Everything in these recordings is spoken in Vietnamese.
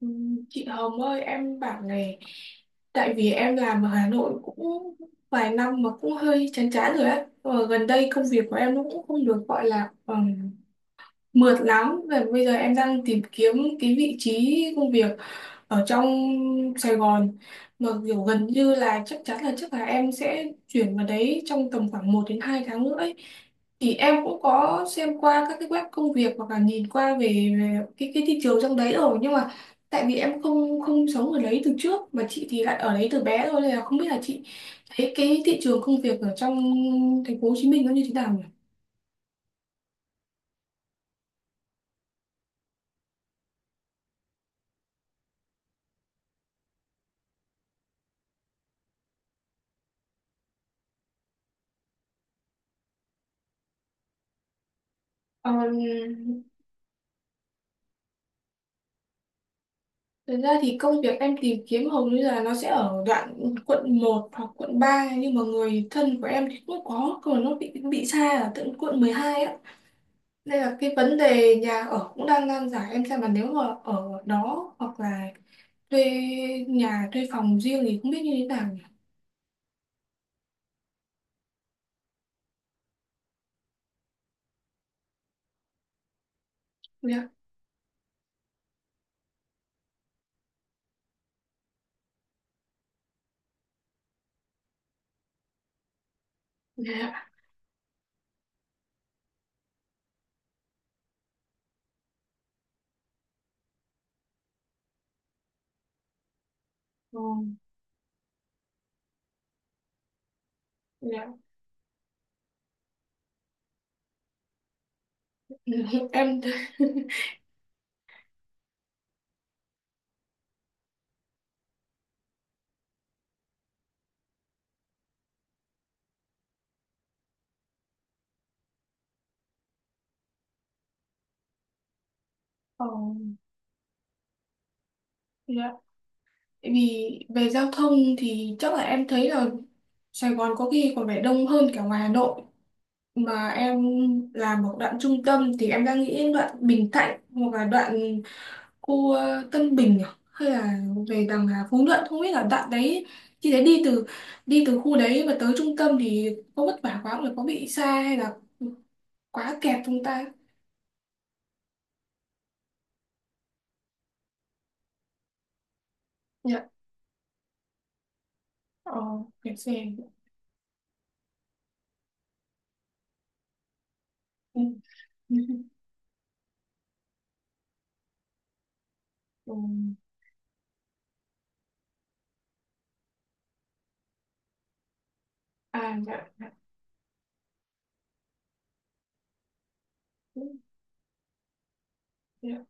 Ừ, chị Hồng ơi, em bảo này. Tại vì em làm ở Hà Nội cũng vài năm mà cũng hơi chán chán rồi á, và gần đây công việc của em nó cũng không được gọi là mượt lắm. Và bây giờ em đang tìm kiếm cái vị trí công việc ở trong Sài Gòn, mà kiểu gần như là chắc chắn là chắc là em sẽ chuyển vào đấy trong tầm khoảng 1 đến 2 tháng nữa ấy. Thì em cũng có xem qua các cái web công việc, hoặc là nhìn qua về cái thị trường trong đấy rồi, nhưng mà tại vì em không không sống ở đấy từ trước, mà chị thì lại ở đấy từ bé rồi, nên là không biết là chị thấy cái thị trường công việc ở trong thành phố Hồ Chí Minh nó như thế nào nhỉ? Ờ, thật ra thì công việc em tìm kiếm hầu như là nó sẽ ở đoạn quận 1 hoặc quận 3, nhưng mà người thân của em thì cũng có, nhưng mà nó bị xa ở tận quận 12 á, nên là cái vấn đề nhà ở cũng đang nan giải. Em xem là nếu mà ở đó, hoặc là thuê nhà, thuê phòng riêng thì không biết như thế nào nhỉ. Dạ, dạ. Ờ, dạ. Em. Ờ, dạ. Tại vì về giao thông thì chắc là em thấy là Sài Gòn có khi còn phải đông hơn cả ngoài Hà Nội. Mà em làm một đoạn trung tâm, thì em đang nghĩ đoạn Bình Thạnh, hoặc là đoạn khu, Tân Bình à? Hay là về đằng là Phú Nhuận, không biết là đoạn đấy thì đấy, đi từ khu đấy mà tới trung tâm thì có vất vả quá không, là có bị xa hay là quá kẹt chúng ta. Dạ. Ờ, kẹt xe. Ừ. Ừ. À, dạ, dạ. Dạ,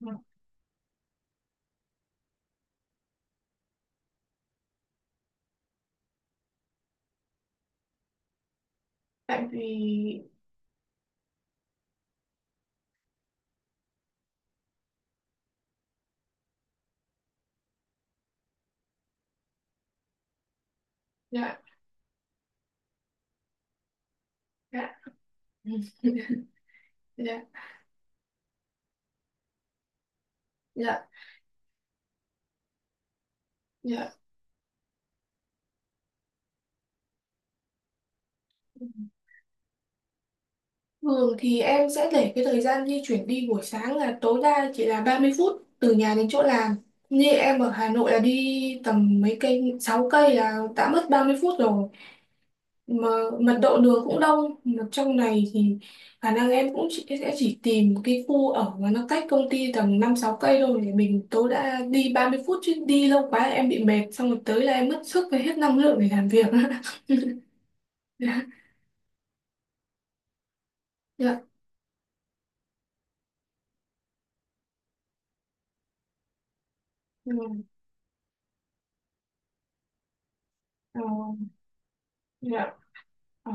dạ. Tại vì. Dạ, dạ. Ừ. Dạ, dạ, dạ. Ừ. Thường thì em sẽ để cái thời gian di chuyển đi buổi sáng là tối đa chỉ là 30 phút từ nhà đến chỗ làm. Như em ở Hà Nội là đi tầm mấy cây, 6 cây là đã mất 30 phút rồi. Mà mật độ đường cũng đông, mà trong này thì khả năng em cũng chỉ, sẽ chỉ tìm cái khu ở mà nó cách công ty tầm 5-6 cây thôi, để mình tối đa đi 30 phút, chứ đi lâu quá em bị mệt, xong rồi tới là em mất sức và hết năng lượng để làm việc. Dạ. Dạ. Ừ. Ờ. Dạ. Ờ.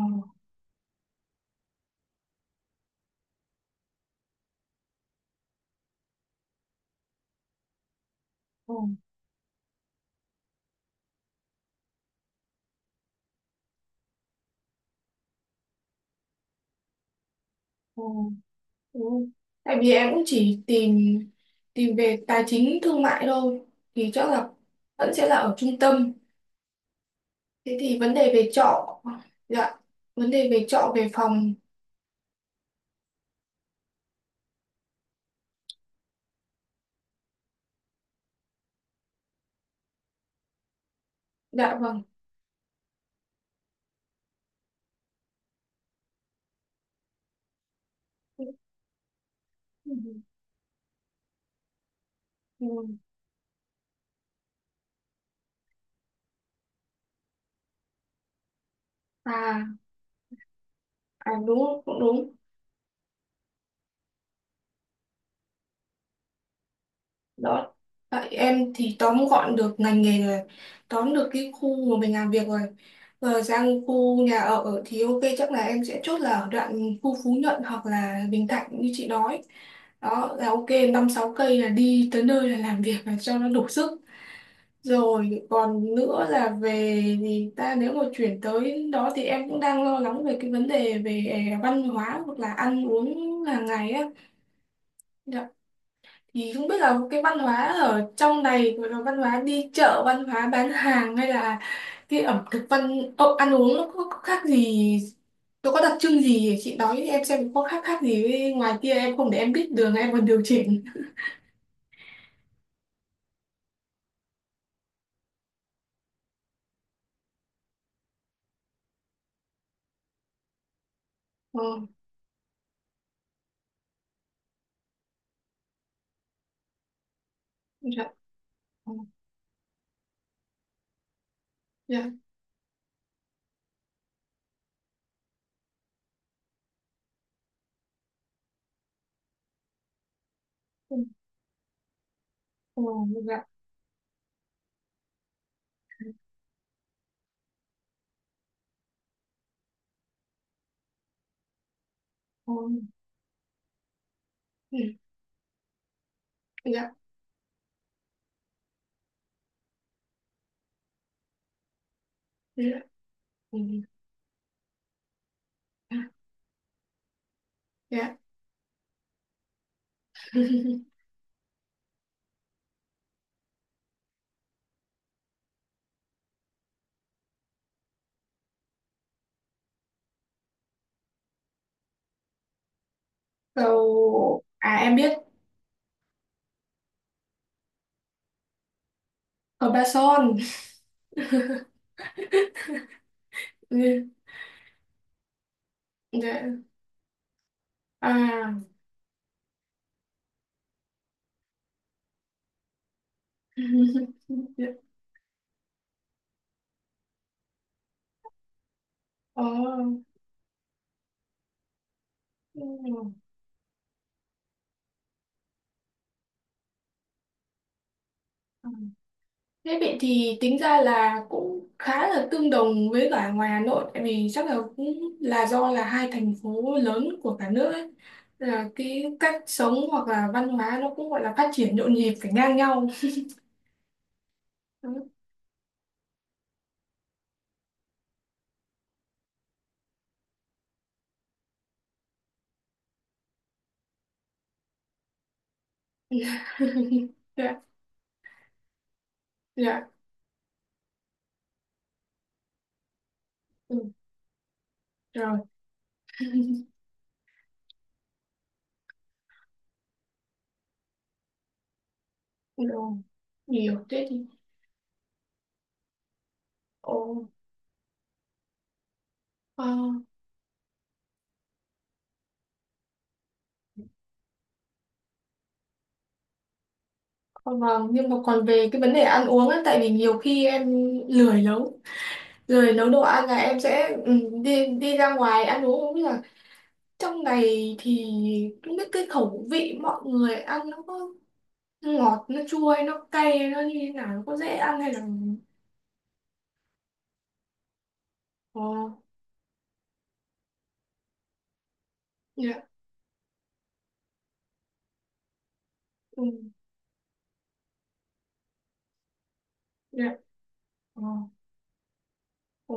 Ờ. Ờ. Ừ. Tại vì em cũng chỉ tìm tìm về tài chính thương mại thôi, thì chắc là vẫn sẽ là ở trung tâm. Thế thì vấn đề về trọ. Dạ, vấn đề về trọ, về phòng. Dạ vâng. Ừ. Ừ. À, à, đúng, cũng đúng. Đó. Tại em thì tóm gọn được ngành nghề rồi, tóm được cái khu mà mình làm việc rồi. Rồi sang khu nhà ở thì ok, chắc là em sẽ chốt là ở đoạn khu Phú Nhuận hoặc là Bình Thạnh như chị nói. Đó là ok, 5-6 cây là đi tới nơi là làm việc là cho nó đủ sức. Rồi còn nữa là về thì ta, nếu mà chuyển tới đó thì em cũng đang lo lắng về cái vấn đề về văn hóa, hoặc là ăn uống hàng ngày á. Dạ, thì không biết là cái văn hóa ở trong này, rồi là văn hóa đi chợ, văn hóa bán hàng, hay là cái ẩm thực, văn, ồ, ăn uống nó có khác gì, nó có đặc trưng gì, chị nói em xem có khác khác gì với ngoài kia em không, để em biết đường em còn điều chỉnh. Ờ. Dạ. Ờ, dạ. Ừ. Ờ, dạ. Ờ. Ừ, dạ, dạ. Ừ, à, dạ. À, em biết, ở Ba Son. Dạ. À. Dạ. Ờ. Ừ. Ừ. Thế vậy thì tính ra là cũng khá là tương đồng với cả ngoài Hà Nội, tại vì chắc là cũng là do là hai thành phố lớn của cả nước ấy. Là cái cách sống hoặc là văn hóa nó cũng gọi là phát triển nhộn nhịp phải ngang nhau. Ừ. Dạ, dạ, ừ, rồi. Rồi, nhiều thế thì. Ồ, ờ, ờ, vâng, nhưng mà còn về cái vấn đề ăn uống ấy, tại vì nhiều khi em lười nấu. Rồi nấu đồ ăn là em sẽ, đi đi ra ngoài ăn uống, không biết là trong này thì không biết cái khẩu vị mọi người ăn nó có ngọt, nó chua, hay nó cay, nó như thế nào, nó có dễ ăn hay là. Ờ. Dạ. Ừ. Dạ. Ờ. Ờ.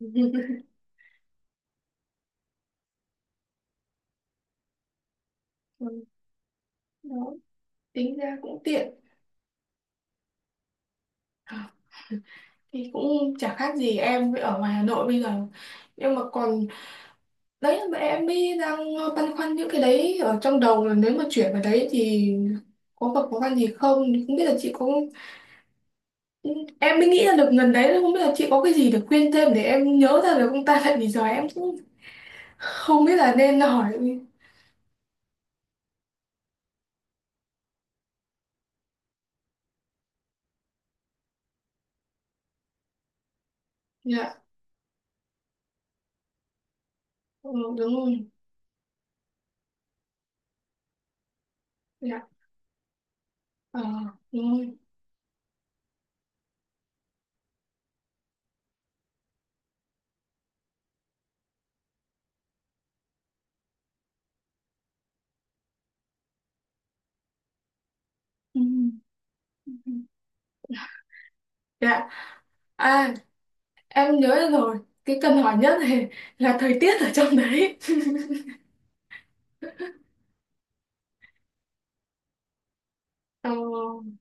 Ừ, đó. Tính ra cũng tiện, thì cũng chả khác gì em ở ngoài Hà Nội bây giờ. Nhưng mà còn đấy, mà em mới đang băn khoăn những cái đấy ở trong đầu, là nếu mà chuyển vào đấy thì có gặp khó khăn gì không, không biết là chị có. Em mới nghĩ ra được lần đấy, không biết là chị có cái gì để khuyên thêm để em nhớ ra được ông ta, tại vì giờ em cũng không biết là nên hỏi. Dạ. Ừ, đúng rồi. Dạ. Ờ, đúng rồi. Ừ. Dạ. À, em nhớ ra rồi, cái cần hỏi nhất này, là thời tiết ở trong đấy. Ờ,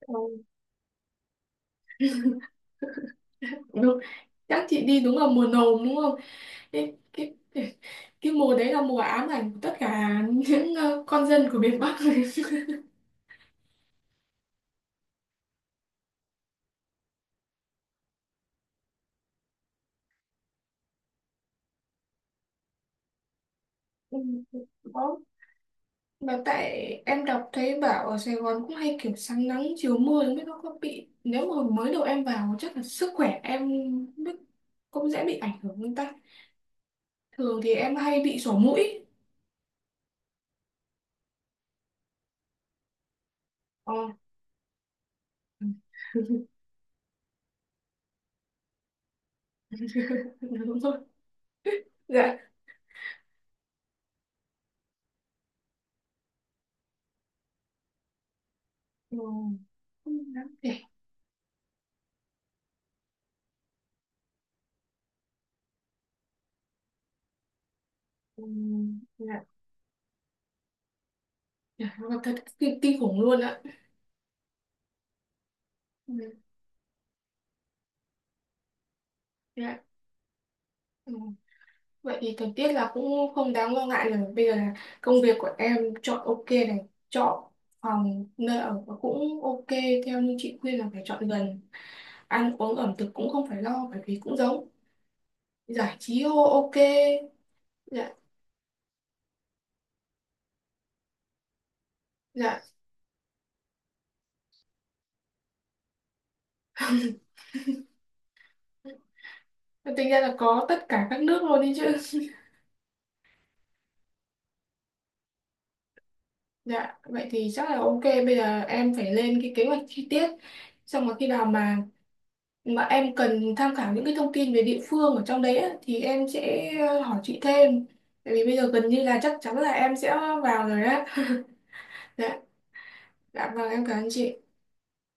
ờ, đúng. Chắc chị đi đúng là mùa nồm đúng không, cái cái cái cái mùa đấy là mùa ám ảnh của tất cả những, con dân của miền Bắc. Ừ, đó. Mà tại em đọc thấy bảo ở Sài Gòn cũng hay kiểu sáng nắng chiều mưa, không biết nó có bị, nếu mà mới đầu em vào chắc là sức khỏe em không biết cũng dễ bị ảnh hưởng không ta, thường thì em hay bị sổ mũi. Ờ. Đúng rồi. Dạ. Ừ. Không đáng kể. Ừ. Dạ, dạ, thật kinh khủng luôn ạ. Ừ. Dạ. Ừ. Vậy thì thời tiết là cũng không đáng lo ngại rồi. Bây giờ là công việc của em chọn ok này, chọn phòng nơi ở và cũng ok theo như chị khuyên là phải chọn gần. Ăn uống ẩm thực cũng không phải lo bởi vì cũng giống. Giải trí ô ok. Dạ, dạ. Tính ra là có tất cả các nước luôn đi chứ. Dạ, vậy thì chắc là ok. Bây giờ em phải lên cái kế hoạch chi tiết. Xong rồi khi nào mà em cần tham khảo những cái thông tin về địa phương ở trong đấy á, thì em sẽ, hỏi chị thêm, tại vì bây giờ gần như là chắc chắn là em sẽ vào rồi á. Dạ. Dạ vâng, em cảm ơn chị.